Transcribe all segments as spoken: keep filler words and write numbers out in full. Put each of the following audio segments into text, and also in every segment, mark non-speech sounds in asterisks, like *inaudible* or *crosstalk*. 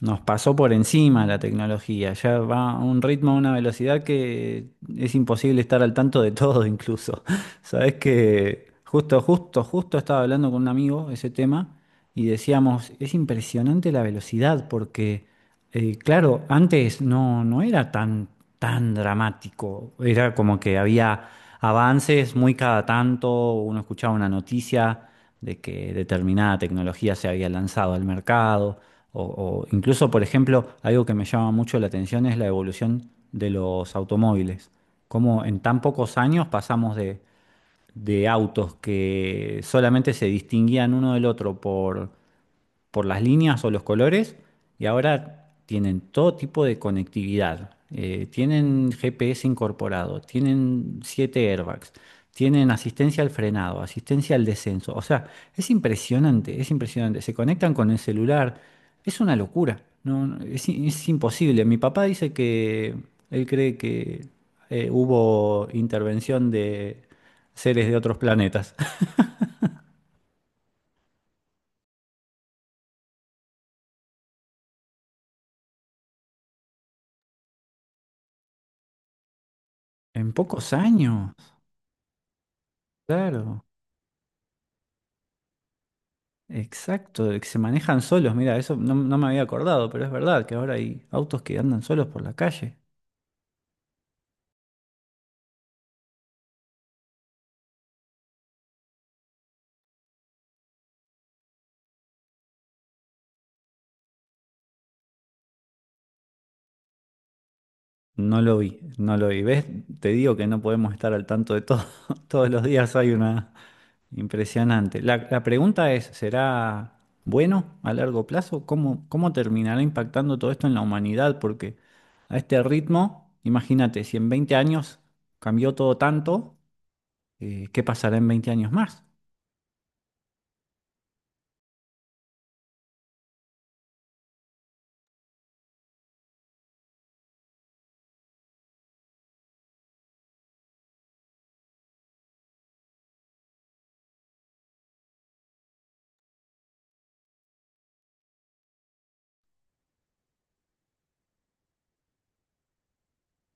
Nos pasó por encima la tecnología, ya va a un ritmo, a una velocidad que es imposible estar al tanto de todo incluso. *laughs* Sabes que justo, justo, justo estaba hablando con un amigo ese tema y decíamos, es impresionante la velocidad porque, eh, claro, antes no, no era tan tan dramático. Era como que había avances muy cada tanto, uno escuchaba una noticia de que determinada tecnología se había lanzado al mercado, o, o incluso, por ejemplo, algo que me llama mucho la atención es la evolución de los automóviles. Cómo en tan pocos años pasamos de, de autos que solamente se distinguían uno del otro por por las líneas o los colores y ahora tienen todo tipo de conectividad. Eh, tienen GPS incorporado, tienen siete airbags, tienen asistencia al frenado, asistencia al descenso. O sea, es impresionante, es impresionante. Se conectan con el celular, es una locura. No, no, es, i- es imposible. Mi papá dice que él cree que eh, hubo intervención de seres de otros planetas. *laughs* En pocos años, claro. Exacto, de que se manejan solos. Mira, eso no, no me había acordado, pero es verdad que ahora hay autos que andan solos por la calle. No lo vi, no lo vi. ¿Ves? Te digo que no podemos estar al tanto de todo. *laughs* Todos los días hay una impresionante. La, la pregunta es, ¿será bueno a largo plazo? ¿Cómo, ¿cómo terminará impactando todo esto en la humanidad? Porque a este ritmo, imagínate, si en veinte años cambió todo tanto, eh, ¿qué pasará en veinte años más?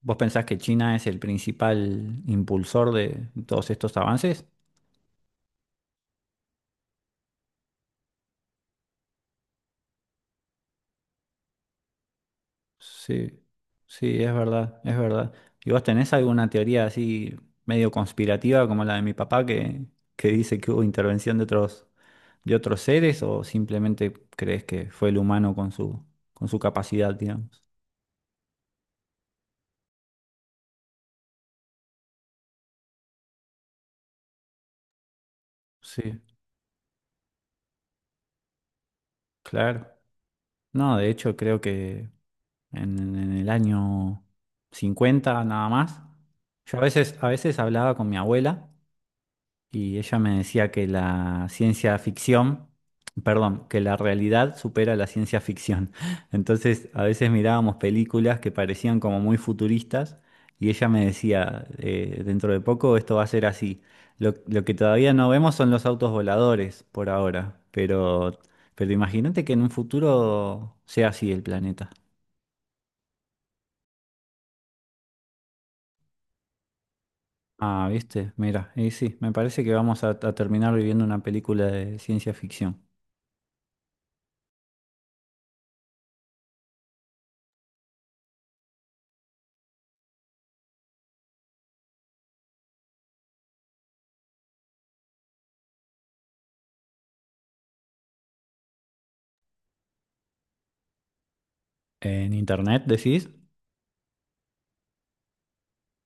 ¿Vos pensás que China es el principal impulsor de todos estos avances? Sí, sí, es verdad, es verdad. ¿Y vos tenés alguna teoría así medio conspirativa como la de mi papá que, que dice que hubo intervención de otros, de otros seres o simplemente crees que fue el humano con su, con su capacidad, digamos? Sí, claro. No, de hecho creo que en, en el año cincuenta nada más, yo a veces, a veces hablaba con mi abuela. Y ella me decía que la ciencia ficción, perdón, que la realidad supera la ciencia ficción. *laughs* Entonces, a veces mirábamos películas que parecían como muy futuristas y ella me decía, eh, dentro de poco esto va a ser así. Lo, lo que todavía no vemos son los autos voladores por ahora, pero, pero imagínate que en un futuro sea así el planeta. Ah, viste, mira, y sí, me parece que vamos a a terminar viviendo una película de ciencia ficción. ¿En internet decís?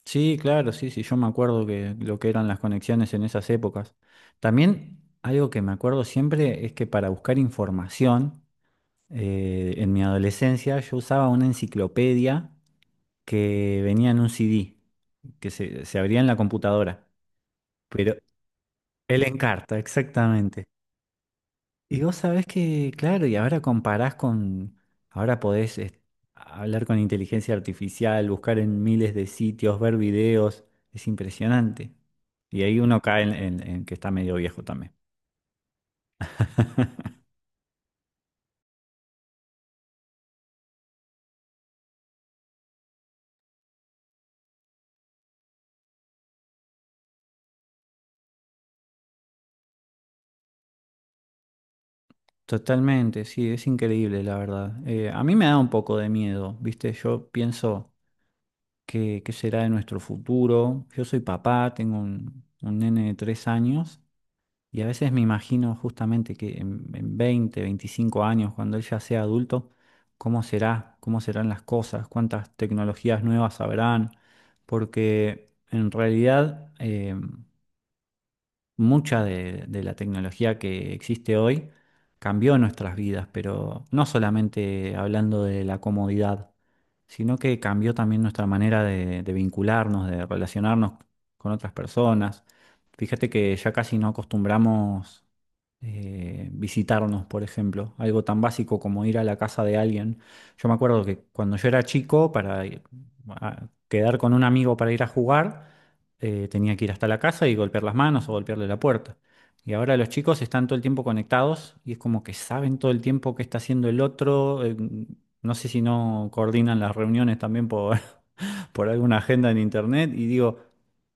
Sí, claro, sí, sí, yo me acuerdo que lo que eran las conexiones en esas épocas. También algo que me acuerdo siempre es que para buscar información, eh, en mi adolescencia yo usaba una enciclopedia que venía en un C D, que se, se abría en la computadora, pero el Encarta, exactamente. Y vos sabés que, claro, y ahora comparás con, ahora podés eh, hablar con inteligencia artificial, buscar en miles de sitios, ver videos, es impresionante. Y ahí uno cae en, en- en que está medio viejo también. *laughs* Totalmente, sí, es increíble, la verdad. Eh, a mí me da un poco de miedo, ¿viste? Yo pienso que, qué será de nuestro futuro. Yo soy papá, tengo un, un nene de tres años. Y a veces me imagino justamente que en, en veinte, veinticinco años, cuando él ya sea adulto, ¿cómo será? ¿Cómo serán las cosas? ¿Cuántas tecnologías nuevas habrán? Porque en realidad eh, mucha de, de la tecnología que existe hoy cambió nuestras vidas, pero no solamente hablando de la comodidad, sino que cambió también nuestra manera de, de vincularnos, de relacionarnos con otras personas. Fíjate que ya casi no acostumbramos eh, visitarnos, por ejemplo, algo tan básico como ir a la casa de alguien. Yo me acuerdo que cuando yo era chico, para ir a- quedar con un amigo para ir a jugar, eh, tenía que ir hasta la casa y golpear las manos o golpearle la puerta. Y ahora los chicos están todo el tiempo conectados y es como que saben todo el tiempo qué está haciendo el otro. Eh, no sé si no coordinan las reuniones también por, *laughs* por alguna agenda en internet. Y digo,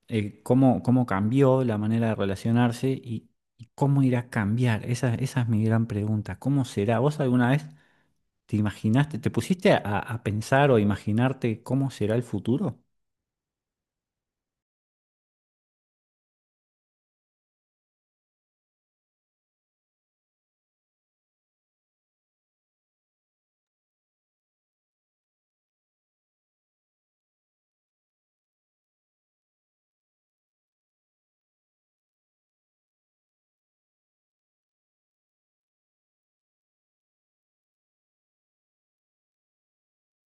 eh, cómo, cómo cambió la manera de relacionarse y, y cómo irá a cambiar. Esa, esa es mi gran pregunta. ¿Cómo será? ¿Vos alguna vez te imaginaste, te pusiste a, a pensar o imaginarte cómo será el futuro?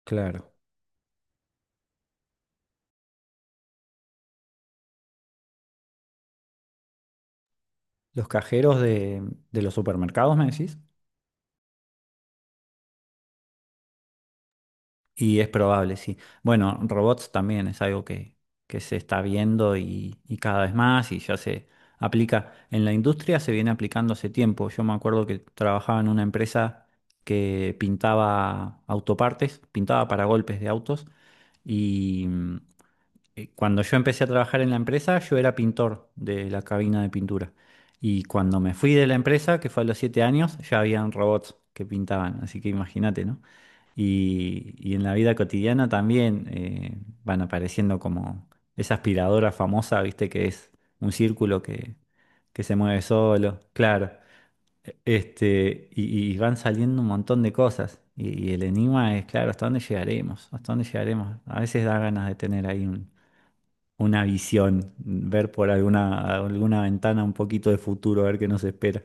Claro. Los cajeros de, de los supermercados, me decís. Y es probable, sí. Bueno, robots también es algo que, que se está viendo y, y cada vez más y ya se aplica. En la industria se viene aplicando hace tiempo. Yo me acuerdo que trabajaba en una empresa que pintaba autopartes, pintaba para golpes de autos y mm, eh, cuando yo empecé a trabajar en la empresa, yo era pintor de la cabina de pintura. Y cuando me fui de la empresa, que fue a los siete años, ya habían robots que pintaban. Así que imagínate, ¿no? Y, y en la vida cotidiana también eh, van apareciendo como esa aspiradora famosa, ¿viste? Que es un círculo que, que se mueve solo. Claro. E- Este, y, y van saliendo un montón de cosas. Y, y el enigma es, claro, ¿hasta dónde llegaremos? ¿Hasta dónde llegaremos? A veces da ganas de tener ahí un una visión, ver por alguna, alguna ventana un poquito de futuro, a ver qué nos espera.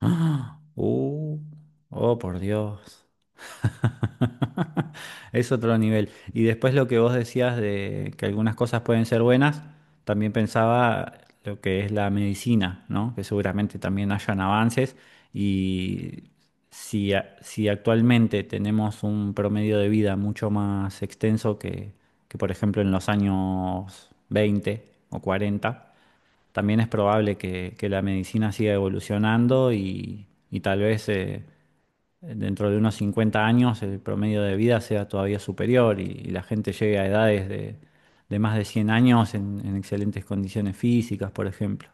¡Ah! ¡Uh! Oh, por Dios. *laughs* Es otro nivel. Y después lo que vos decías de que algunas cosas pueden ser buenas, también pensaba lo que es la medicina, ¿no? Que seguramente también hayan avances y si, a- si actualmente tenemos un promedio de vida mucho más extenso que, que por ejemplo en los años veinte o cuarenta. También es probable que, que la medicina siga evolucionando y, y tal vez eh, dentro de unos cincuenta años el promedio de vida sea todavía superior y, y la gente llegue a edades de, de más de cien años en, en excelentes condiciones físicas, por ejemplo.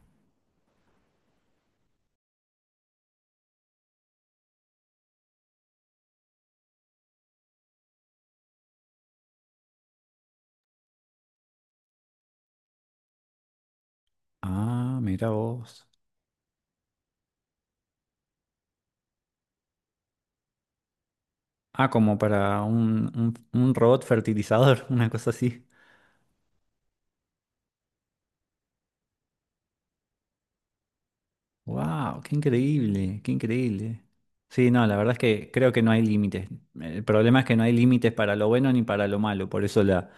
Ah, mira vos. Ah, como para un, un un robot fertilizador, *laughs* una cosa así. Wow, qué increíble, qué increíble. Sí, no, la verdad es que creo que no hay límites. El problema es que no hay límites para lo bueno ni para lo malo. Por eso la,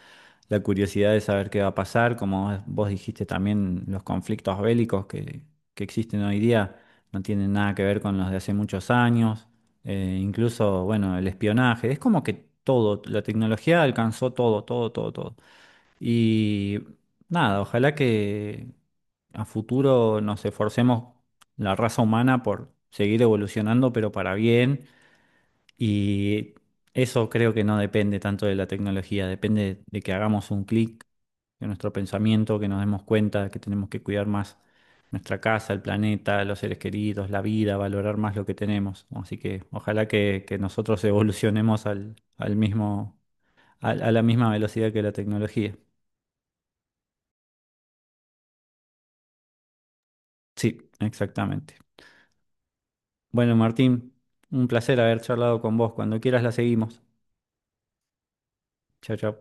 la curiosidad de saber qué va a pasar, como vos dijiste también, los conflictos bélicos que, que existen hoy día no tienen nada que ver con los de hace muchos años. Eh, incluso, bueno, el espionaje. Es como que todo, la tecnología alcanzó todo, todo, todo, todo. Y nada, ojalá que a futuro nos esforcemos la raza humana por seguir evolucionando, pero para bien. Y eso creo que no depende tanto de la tecnología, depende de que hagamos un clic, de nuestro pensamiento, que nos demos cuenta que tenemos que cuidar más nuestra casa, el planeta, los seres queridos, la vida, valorar más lo que tenemos. Así que ojalá que, que nosotros evolucionemos al, al mismo, a a la misma velocidad que la tecnología. Sí, exactamente. Bueno, Martín, un placer haber charlado con vos. Cuando quieras la seguimos. Chao, chao.